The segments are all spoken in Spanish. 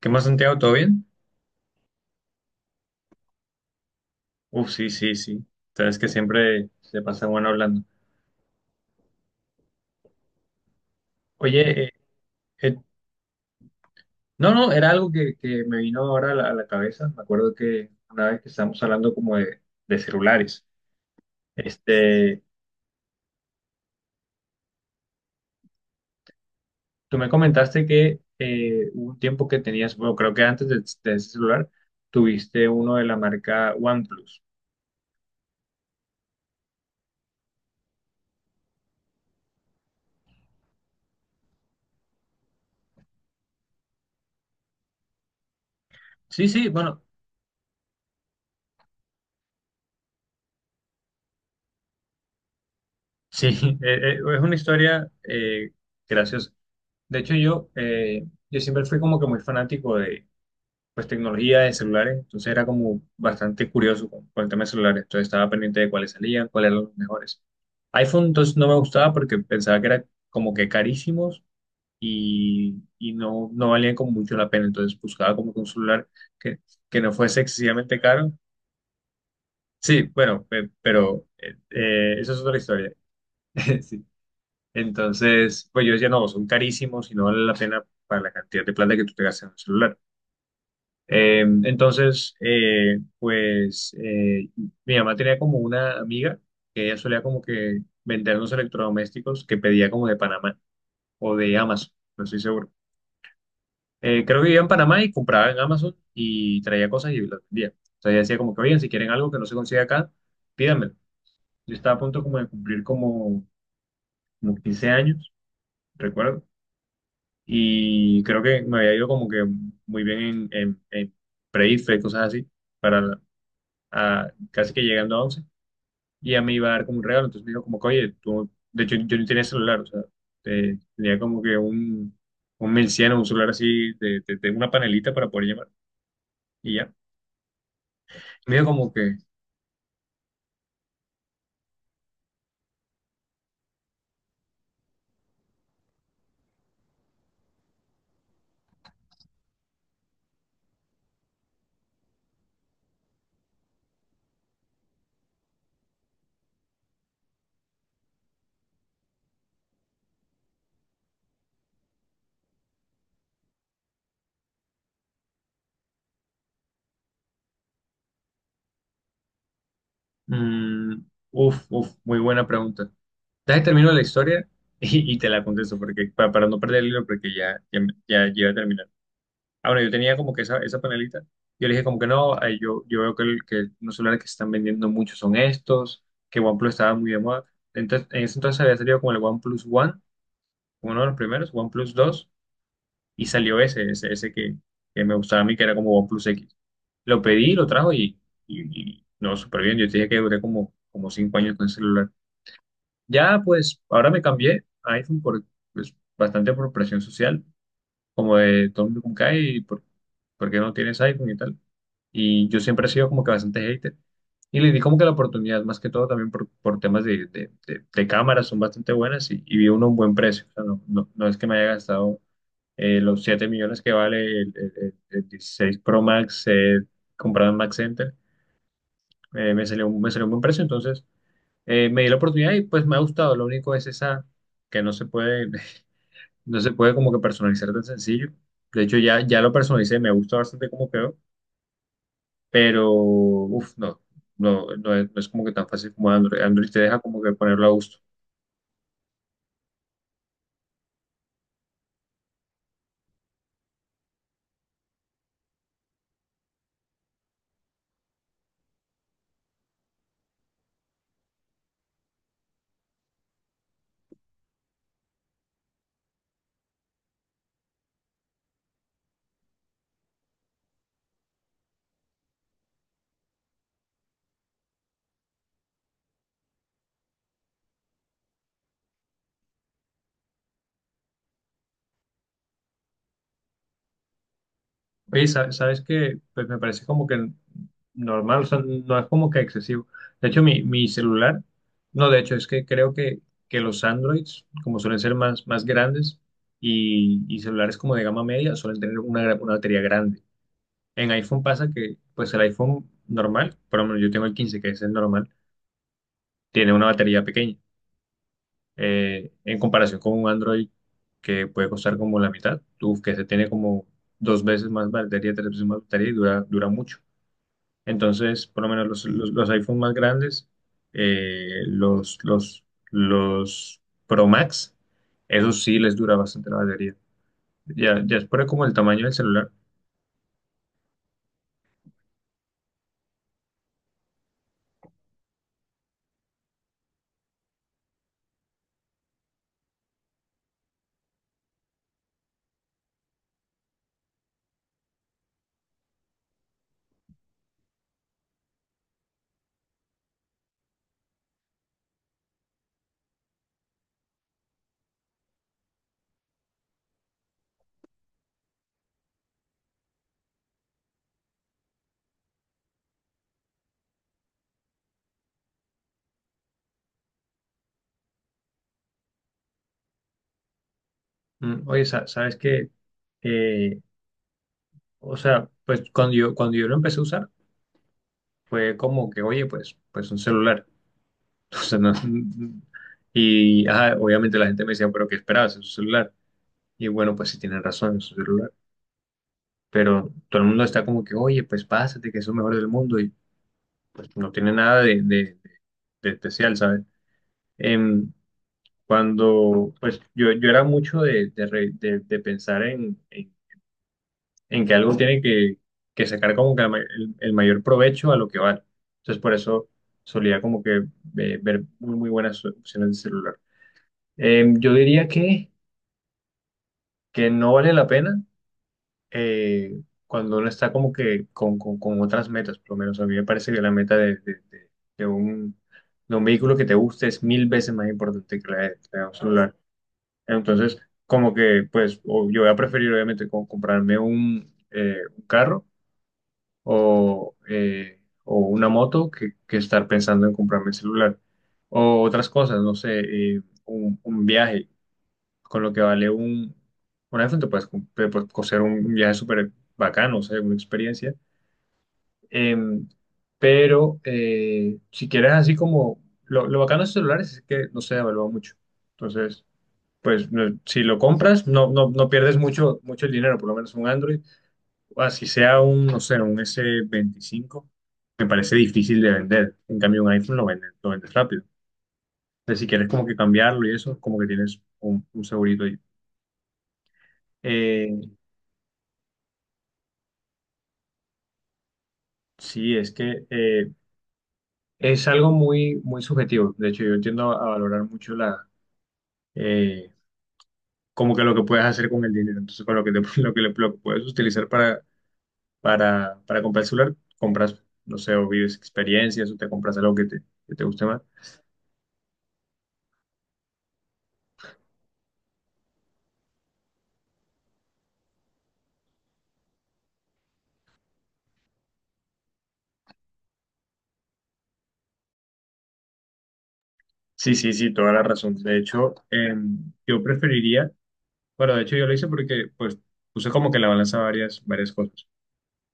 ¿Qué más, Santiago? ¿Todo bien? Uf, sí, sí, sí. Sabes que siempre se pasa bueno hablando. Oye, eh, eh, no, no, era algo que me vino ahora a la cabeza. Me acuerdo que una vez que estábamos hablando como de celulares. Este, tú me comentaste que hubo un tiempo que tenías, bueno, creo que antes de ese celular, tuviste uno de la marca OnePlus. Sí, sí, bueno, sí, es una historia graciosa. De hecho, yo siempre fui como que muy fanático de pues tecnología de celulares. Entonces era como bastante curioso con el tema de celulares. Entonces estaba pendiente de cuáles salían, cuáles eran los mejores. iPhone entonces no me gustaba porque pensaba que eran como que carísimos y, no, valían como mucho la pena. Entonces buscaba como que un celular que, que no fuese excesivamente caro. Sí, bueno, pero eso es otra historia. Sí. Entonces, pues yo decía, no, son carísimos y no vale la pena para la cantidad de plata que tú te gastas en un celular. Entonces, mi mamá tenía como una amiga que ella solía como que vendernos electrodomésticos que pedía como de Panamá o de Amazon, no estoy seguro. Creo que vivía en Panamá y compraba en Amazon y traía cosas y las vendía. Entonces ella decía como que, oigan, si quieren algo que no se consigue acá, pídanmelo. Yo estaba a punto como de cumplir como, 15 años, recuerdo, y creo que me había ido como que muy bien en pre-IFE, cosas así, para, casi que llegando a once. Y a mí iba a dar como un regalo. Entonces me dijo como que, oye, tú, de hecho yo no tenía celular, o sea, tenía como que un 1100, un celular así, de una panelita para poder llamar, y ya. Me dijo como que, mm, uf, uf, muy buena pregunta. Dale, termino la historia y, te la contesto, porque para no perder el hilo, porque ya, ya, ya, ya iba a terminar. Ah, bueno, yo tenía como que esa, panelita. Yo le dije como que no, yo veo que los celulares que se están vendiendo mucho son estos, que OnePlus estaba muy de moda. Entonces, en ese entonces había salido como el OnePlus One, como uno de los primeros, OnePlus dos, y salió ese, ese que me gustaba a mí, que era como OnePlus X. Lo pedí, lo trajo, y, y no, súper bien. Yo te dije que duré como, 5 años con el celular. Ya, pues, ahora me cambié a iPhone por, pues, bastante por presión social como de todo el mundo con cae y por qué no tienes iPhone y tal. Y yo siempre he sido como que bastante hater. Y le di como que la oportunidad, más que todo también por temas de cámaras, son bastante buenas y, vi uno a un buen precio. O sea, no, no, no es que me haya gastado los 7 millones que vale el 16 Pro Max comprado en Max Center. Me salió, me salió un buen precio. Entonces me di la oportunidad y pues me ha gustado. Lo único es esa que no se puede. No se puede como que personalizar tan sencillo. De hecho, ya, lo personalicé, me gusta bastante cómo quedó, pero uff, no, no, no es como que tan fácil como Android. Android te deja como que ponerlo a gusto. Oye, ¿sabes qué? Pues me parece como que normal, o sea, no es como que excesivo. De hecho, mi celular, no, de hecho, es que creo que los Androids, como suelen ser más, grandes y, celulares como de gama media, suelen tener una, una batería grande. En iPhone pasa que, pues el iPhone normal, por lo menos yo tengo el 15, que es el normal, tiene una batería pequeña. En comparación con un Android que puede costar como la mitad, uf, que se tiene como 2 veces más batería, 3 veces más batería, y dura, mucho. Entonces, por lo menos los iPhone más grandes, eh, los, los, los Pro Max, esos sí les dura bastante la batería. Ya, es por como el tamaño del celular. Oye, sa- ¿sabes que o sea, pues cuando yo lo empecé a usar, fue como que, oye, pues, un celular. O sea, y ajá, obviamente la gente me decía, pero ¿qué esperabas? Es un celular. Y bueno, pues sí tienen razón, es un celular. Pero todo el mundo está como que, oye, pues pásate, que es lo mejor del mundo. Y pues, no tiene nada de, de especial, ¿sabes? Em, Cuando, pues yo, era mucho de, de pensar en, en que algo tiene que sacar como que el mayor provecho a lo que vale. Entonces, por eso solía como que ver muy, muy buenas opciones de celular. Yo diría que no vale la pena eh, cuando uno está como que con, con otras metas. Por lo menos a mí me parece que la meta de, de de un vehículo que te guste es mil veces más importante que la de un celular. Entonces, como que, pues, yo voy a preferir obviamente como comprarme un, un carro o, o una moto que estar pensando en comprarme el celular. O otras cosas, no sé, un, viaje. Con lo que vale un, iPhone, te puedes, te puedes coser un viaje súper bacano, o sea, una experiencia. Em, pero si quieres así como, lo, bacano de estos celulares es que no se devalúa mucho. Entonces, pues si lo compras, no, no pierdes mucho, mucho el dinero, por lo menos un Android o así sea un, no sé, un S25, me parece difícil de vender. En cambio, un iPhone lo vendes rápido. Entonces, si quieres como que cambiarlo y eso, como que tienes un, segurito ahí. Eh, sí, es que es algo muy, muy subjetivo. De hecho, yo tiendo a valorar mucho la, eh, como que lo que puedes hacer con el dinero. Entonces, con lo que, lo que, lo que puedes utilizar para, para comprar el celular, compras, no sé, o vives experiencias o te compras algo que te guste más. Sí, sí, sí, toda la razón. De hecho, yo preferiría, bueno, de hecho yo lo hice porque pues puse como que en la balanza varias, cosas.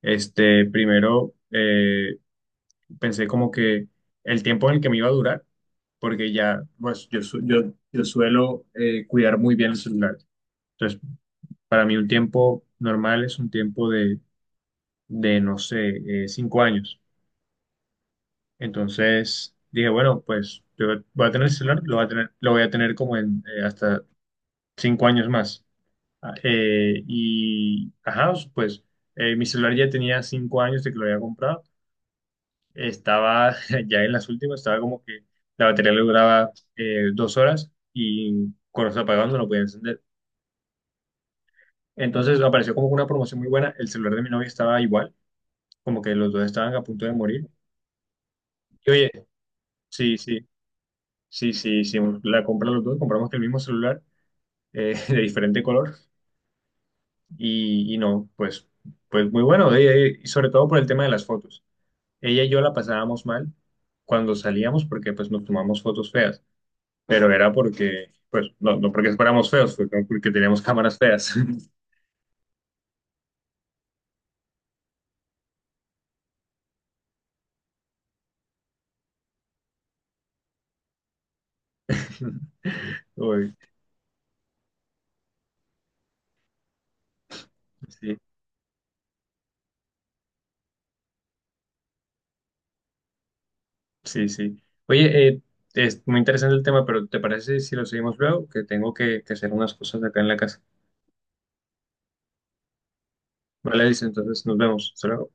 Este, primero pensé como que el tiempo en el que me iba a durar, porque ya, pues yo, yo suelo cuidar muy bien el celular. Entonces, para mí un tiempo normal es un tiempo de no sé, 5 años. Entonces, dije, bueno, pues yo voy a tener el celular, lo voy a tener como en hasta 5 años más. Ah, y, ajá, pues mi celular ya tenía 5 años de que lo había comprado. Estaba ya en las últimas, estaba como que la batería le duraba 2 horas, y cuando se apagaba no lo podía encender. Entonces me apareció como una promoción muy buena. El celular de mi novia estaba igual, como que los dos estaban a punto de morir. Y oye, sí, sí, sí, sí, sí, la compra los dos, compramos el mismo celular de diferente color, y, no, pues, muy bueno. Y sobre todo por el tema de las fotos. Ella y yo la pasábamos mal cuando salíamos porque pues nos tomamos fotos feas, pero era porque, pues no, porque fuéramos feos, fue como porque teníamos cámaras feas. Uy, sí, sí, sí. Oye, es muy interesante el tema, pero ¿te parece si lo seguimos luego? Que tengo que hacer unas cosas acá en la casa. Vale, dice, entonces nos vemos. Hasta luego.